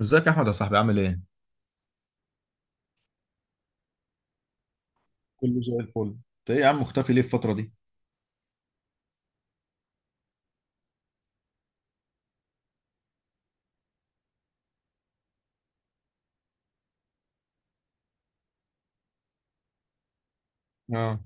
ازيك يا احمد يا صاحبي عامل ايه؟ كله زي الفل. انت ايه يا عم مختفي ليه الفترة دي؟ اه.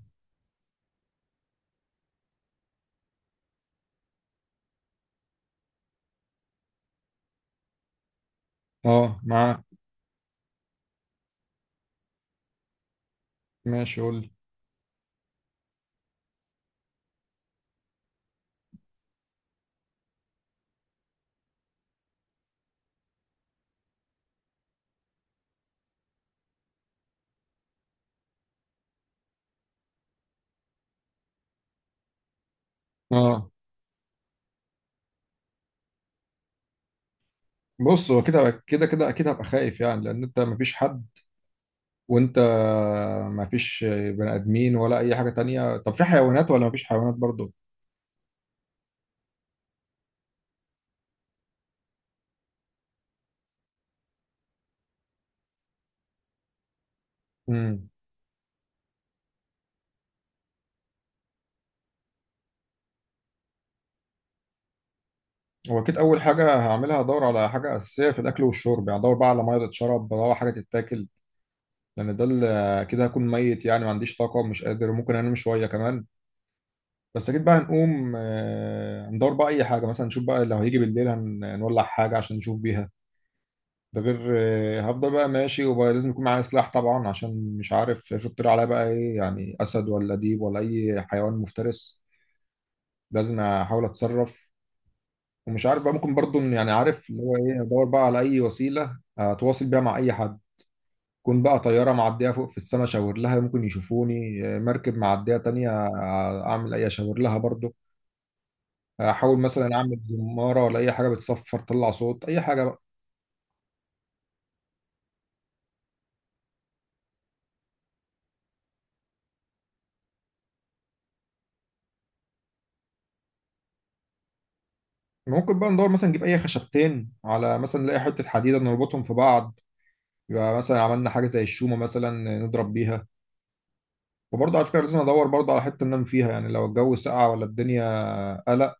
اه معاك. ماشي قول لي. اه بص هو كده اكيد هبقى خايف يعني لان انت مفيش حد، وانت مفيش بني ادمين ولا اي حاجه تانية. طب في حيوانات ولا مفيش حيوانات برضو؟ امم. هو اكيد اول حاجه هعملها هدور على حاجه اساسيه في الاكل والشرب، يعني ادور بقى على ميه تتشرب، بدور على حاجه تتاكل، لان ده اللي كده هكون ميت يعني، ما عنديش طاقه، مش قادر، ممكن انام شويه كمان. بس اكيد بقى هنقوم ندور بقى اي حاجه، مثلا نشوف بقى لو هيجي بالليل هنولع حاجه عشان نشوف بيها. ده غير هفضل بقى ماشي، وبقى لازم يكون معايا سلاح طبعا، عشان مش عارف افرض طلع عليا بقى ايه، يعني اسد ولا ديب ولا اي حيوان مفترس، لازم احاول اتصرف. ومش عارف بقى، ممكن برضو يعني عارف اللي هو ايه، ادور بقى على اي وسيله اتواصل بيها مع اي حد. كون بقى طياره معديه فوق في السماء اشاور لها ممكن يشوفوني، مركب معديه تانية اعمل اي اشاور لها برضو. احاول مثلا اعمل زماره ولا اي حاجه بتصفر تطلع صوت، اي حاجه بقى. ممكن بقى ندور مثلا نجيب اي خشبتين، على مثلا نلاقي حته حديده نربطهم في بعض، يبقى مثلا عملنا حاجه زي الشومه مثلا نضرب بيها. وبرضه على فكره لازم ادور برضه على حته انام فيها، يعني لو الجو ساقع ولا الدنيا قلق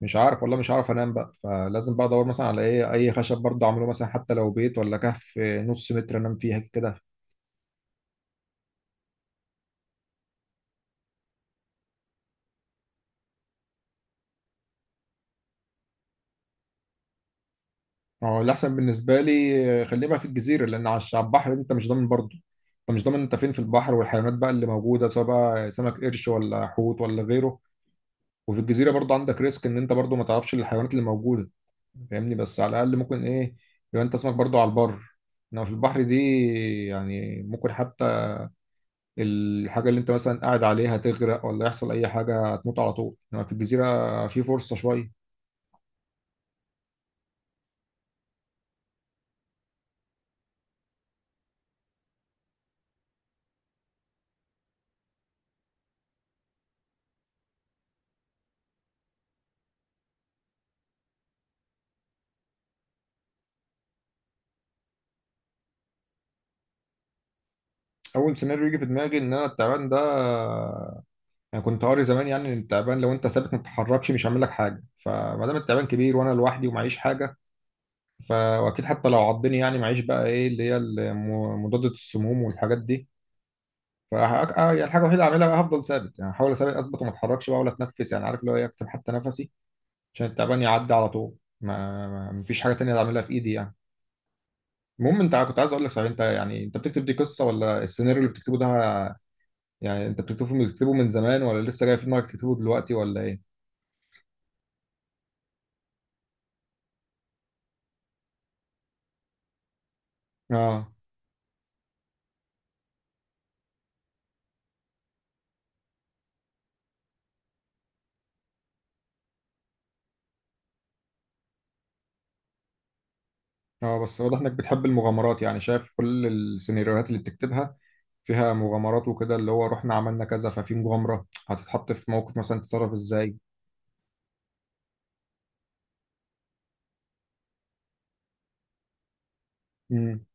مش عارف والله مش عارف انام بقى، فلازم بقى ادور مثلا على ايه، اي خشب برضه اعمله مثلا، حتى لو بيت ولا كهف نص متر انام فيها كده. هو الأحسن بالنسبة لي خليه بقى في الجزيرة، لأن على البحر أنت مش ضامن برضه، أنت مش ضامن أنت فين في البحر، والحيوانات بقى اللي موجودة سواء بقى سمك قرش ولا حوت ولا غيره. وفي الجزيرة برضه عندك ريسك إن أنت برضه ما تعرفش الحيوانات اللي موجودة، فاهمني، بس على الأقل ممكن إيه، يبقى أنت اسمك برضه على البر. إنما في البحر دي يعني ممكن حتى الحاجة اللي أنت مثلا قاعد عليها تغرق ولا يحصل أي حاجة هتموت على طول، إنما في الجزيرة في فرصة شوية. أول سيناريو يجي في دماغي إن أنا التعبان ده، انا كنت قاري زمان يعني ان التعبان لو انت ثابت ما بتتحركش مش هعمل لك حاجه، فما دام التعبان كبير وانا لوحدي ومعيش حاجه، واكيد حتى لو عضني يعني معيش بقى ايه اللي هي مضادة السموم والحاجات دي. ف يعني الحاجه الوحيده اللي اعملها بقى هفضل ثابت، يعني هحاول اثبت وما اتحركش بقى ولا اتنفس، يعني عارف اللي هو إيه، اكتم حتى نفسي عشان التعبان يعدي على طول. مفيش حاجه تانية اعملها في ايدي يعني. المهم انت كنت عايز اقول لك، صحيح انت يعني انت بتكتب دي قصه ولا السيناريو اللي بتكتبه ده، يعني انت بتكتبه من زمان ولا لسه جاي في دماغك تكتبه دلوقتي ولا ايه؟ اه. اه بس واضح انك بتحب المغامرات، يعني شايف كل السيناريوهات اللي بتكتبها فيها مغامرات وكده، اللي هو رحنا عملنا كذا، ففي مغامرة هتتحط في موقف مثلا تتصرف ازاي. امم.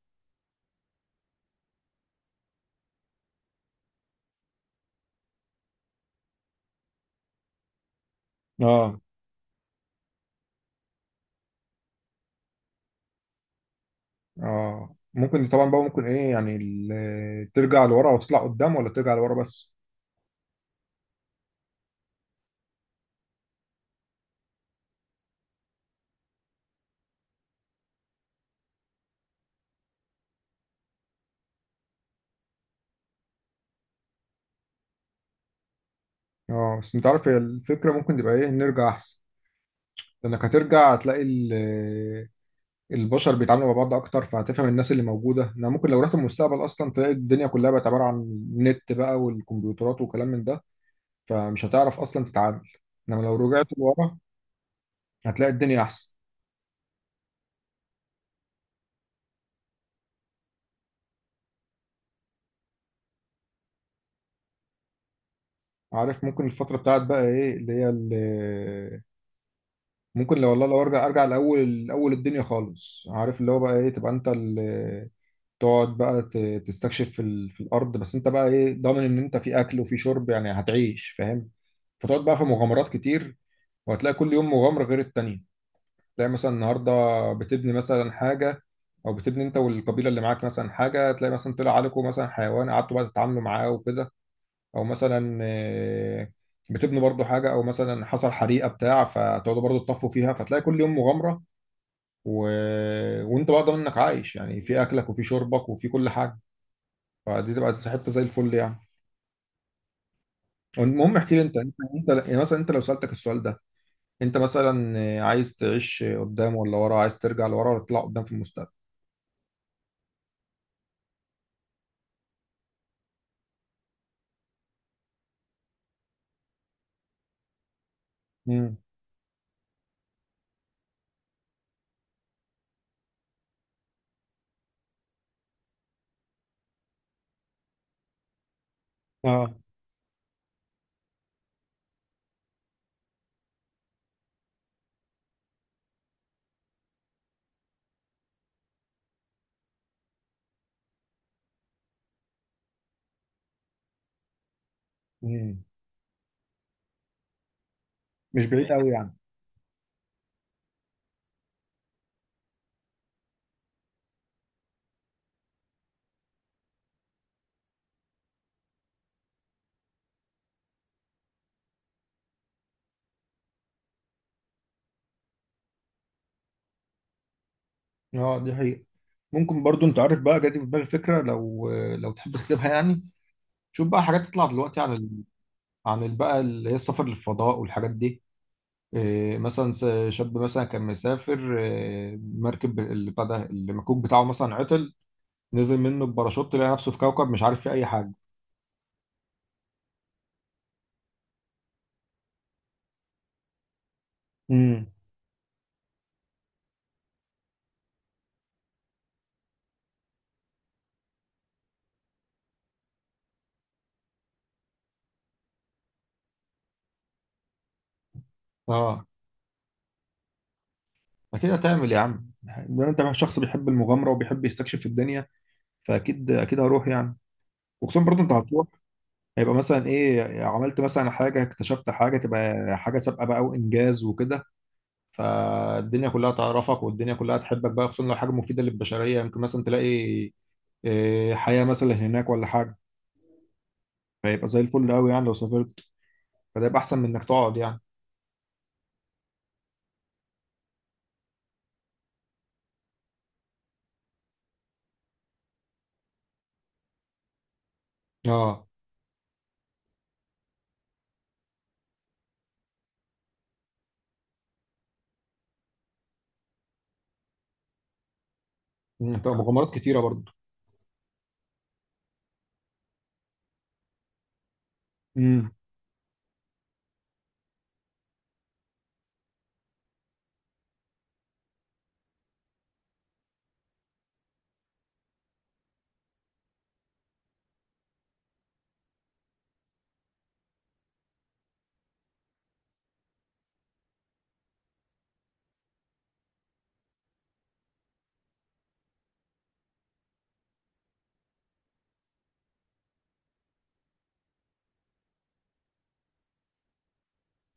اه اه. ممكن طبعا بقى، ممكن ايه يعني ترجع لورا وتطلع قدام ولا ترجع لورا بس. اه بس انت عارف هي الفكرة ممكن تبقى ايه، نرجع احسن، لانك هترجع هتلاقي البشر بيتعاملوا مع بعض اكتر فهتفهم الناس اللي موجودة، انا ممكن لو رحت المستقبل اصلا تلاقي الدنيا كلها بقت عبارة عن نت بقى والكمبيوترات وكلام من ده، فمش هتعرف اصلا تتعامل، انما لو رجعت لورا هتلاقي الدنيا احسن. عارف ممكن الفتره بتاعت بقى ايه اللي هي اللي ممكن، لو والله لو ارجع، ارجع لاول اول الدنيا خالص، عارف اللي هو بقى ايه، تبقى انت اللي تقعد بقى تستكشف في ال... في الارض، بس انت بقى ايه ضامن ان انت في اكل وفي شرب يعني، هتعيش فاهم، فتقعد بقى في مغامرات كتير، وهتلاقي كل يوم مغامره غير التانيه. تلاقي مثلا النهارده بتبني مثلا حاجه، او بتبني انت والقبيله اللي معاك مثلا حاجه، تلاقي مثلا طلع عليكم مثلا حيوان قعدتوا بقى تتعاملوا معاه وكده، او مثلا بتبنوا برضو حاجه، او مثلا حصل حريقه بتاع فتقعدوا برضو تطفوا فيها، فتلاقي كل يوم مغامره. و... وانت بقى ضامن انك عايش يعني، في اكلك وفي شربك وفي كل حاجه، فدي تبقى حته زي الفل يعني. المهم احكي لي انت انت، انت يعني مثلا انت لو سالتك السؤال ده، انت مثلا عايز تعيش قدام ولا ورا، عايز ترجع لورا ولا تطلع قدام في المستقبل؟ امم. مم. مش بعيد قوي يعني. اه دي حقيقة. ممكن برضو، انت عارف بقى جاتي في بالي فكرة، لو لو تحب تكتبها يعني. شوف بقى حاجات تطلع دلوقتي عن ال... عن ال- بقى اللي هي السفر للفضاء والحاجات دي، إيه مثلا شاب مثلا كان مسافر، إيه، مركب اللي بتاع ده المكوك بتاعه مثلا عطل، نزل منه بباراشوت، لقى نفسه في كوكب مش عارف فيه اي حاجة. امم. اه اكيد هتعمل يا عم، ده انت شخص بيحب المغامره وبيحب يستكشف الدنيا، فاكيد اكيد هروح يعني. وخصوصا برضو انت هتروح، هيبقى مثلا ايه، عملت مثلا حاجه، اكتشفت حاجه، تبقى حاجه سابقه بقى وانجاز وكده، فالدنيا كلها تعرفك والدنيا كلها تحبك بقى، خصوصا لو حاجه مفيده للبشريه، يمكن مثلا تلاقي إيه، حياه مثلا هناك ولا حاجه، فيبقى زي الفل قوي يعني لو سافرت، فده يبقى احسن من انك تقعد يعني. اه. أمم، طب مغامرات كتيره برضه. امم.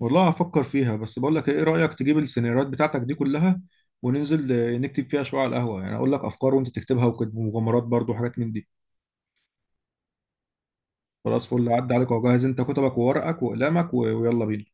والله هفكر فيها، بس بقول لك ايه، إيه رايك تجيب السيناريوهات بتاعتك دي كلها وننزل نكتب فيها شويه على القهوه، يعني اقول لك افكار وانت تكتبها وكده، ومغامرات برضه وحاجات من دي. خلاص فل، عدى عليك وجهز انت كتبك وورقك وأقلامك ويلا بينا.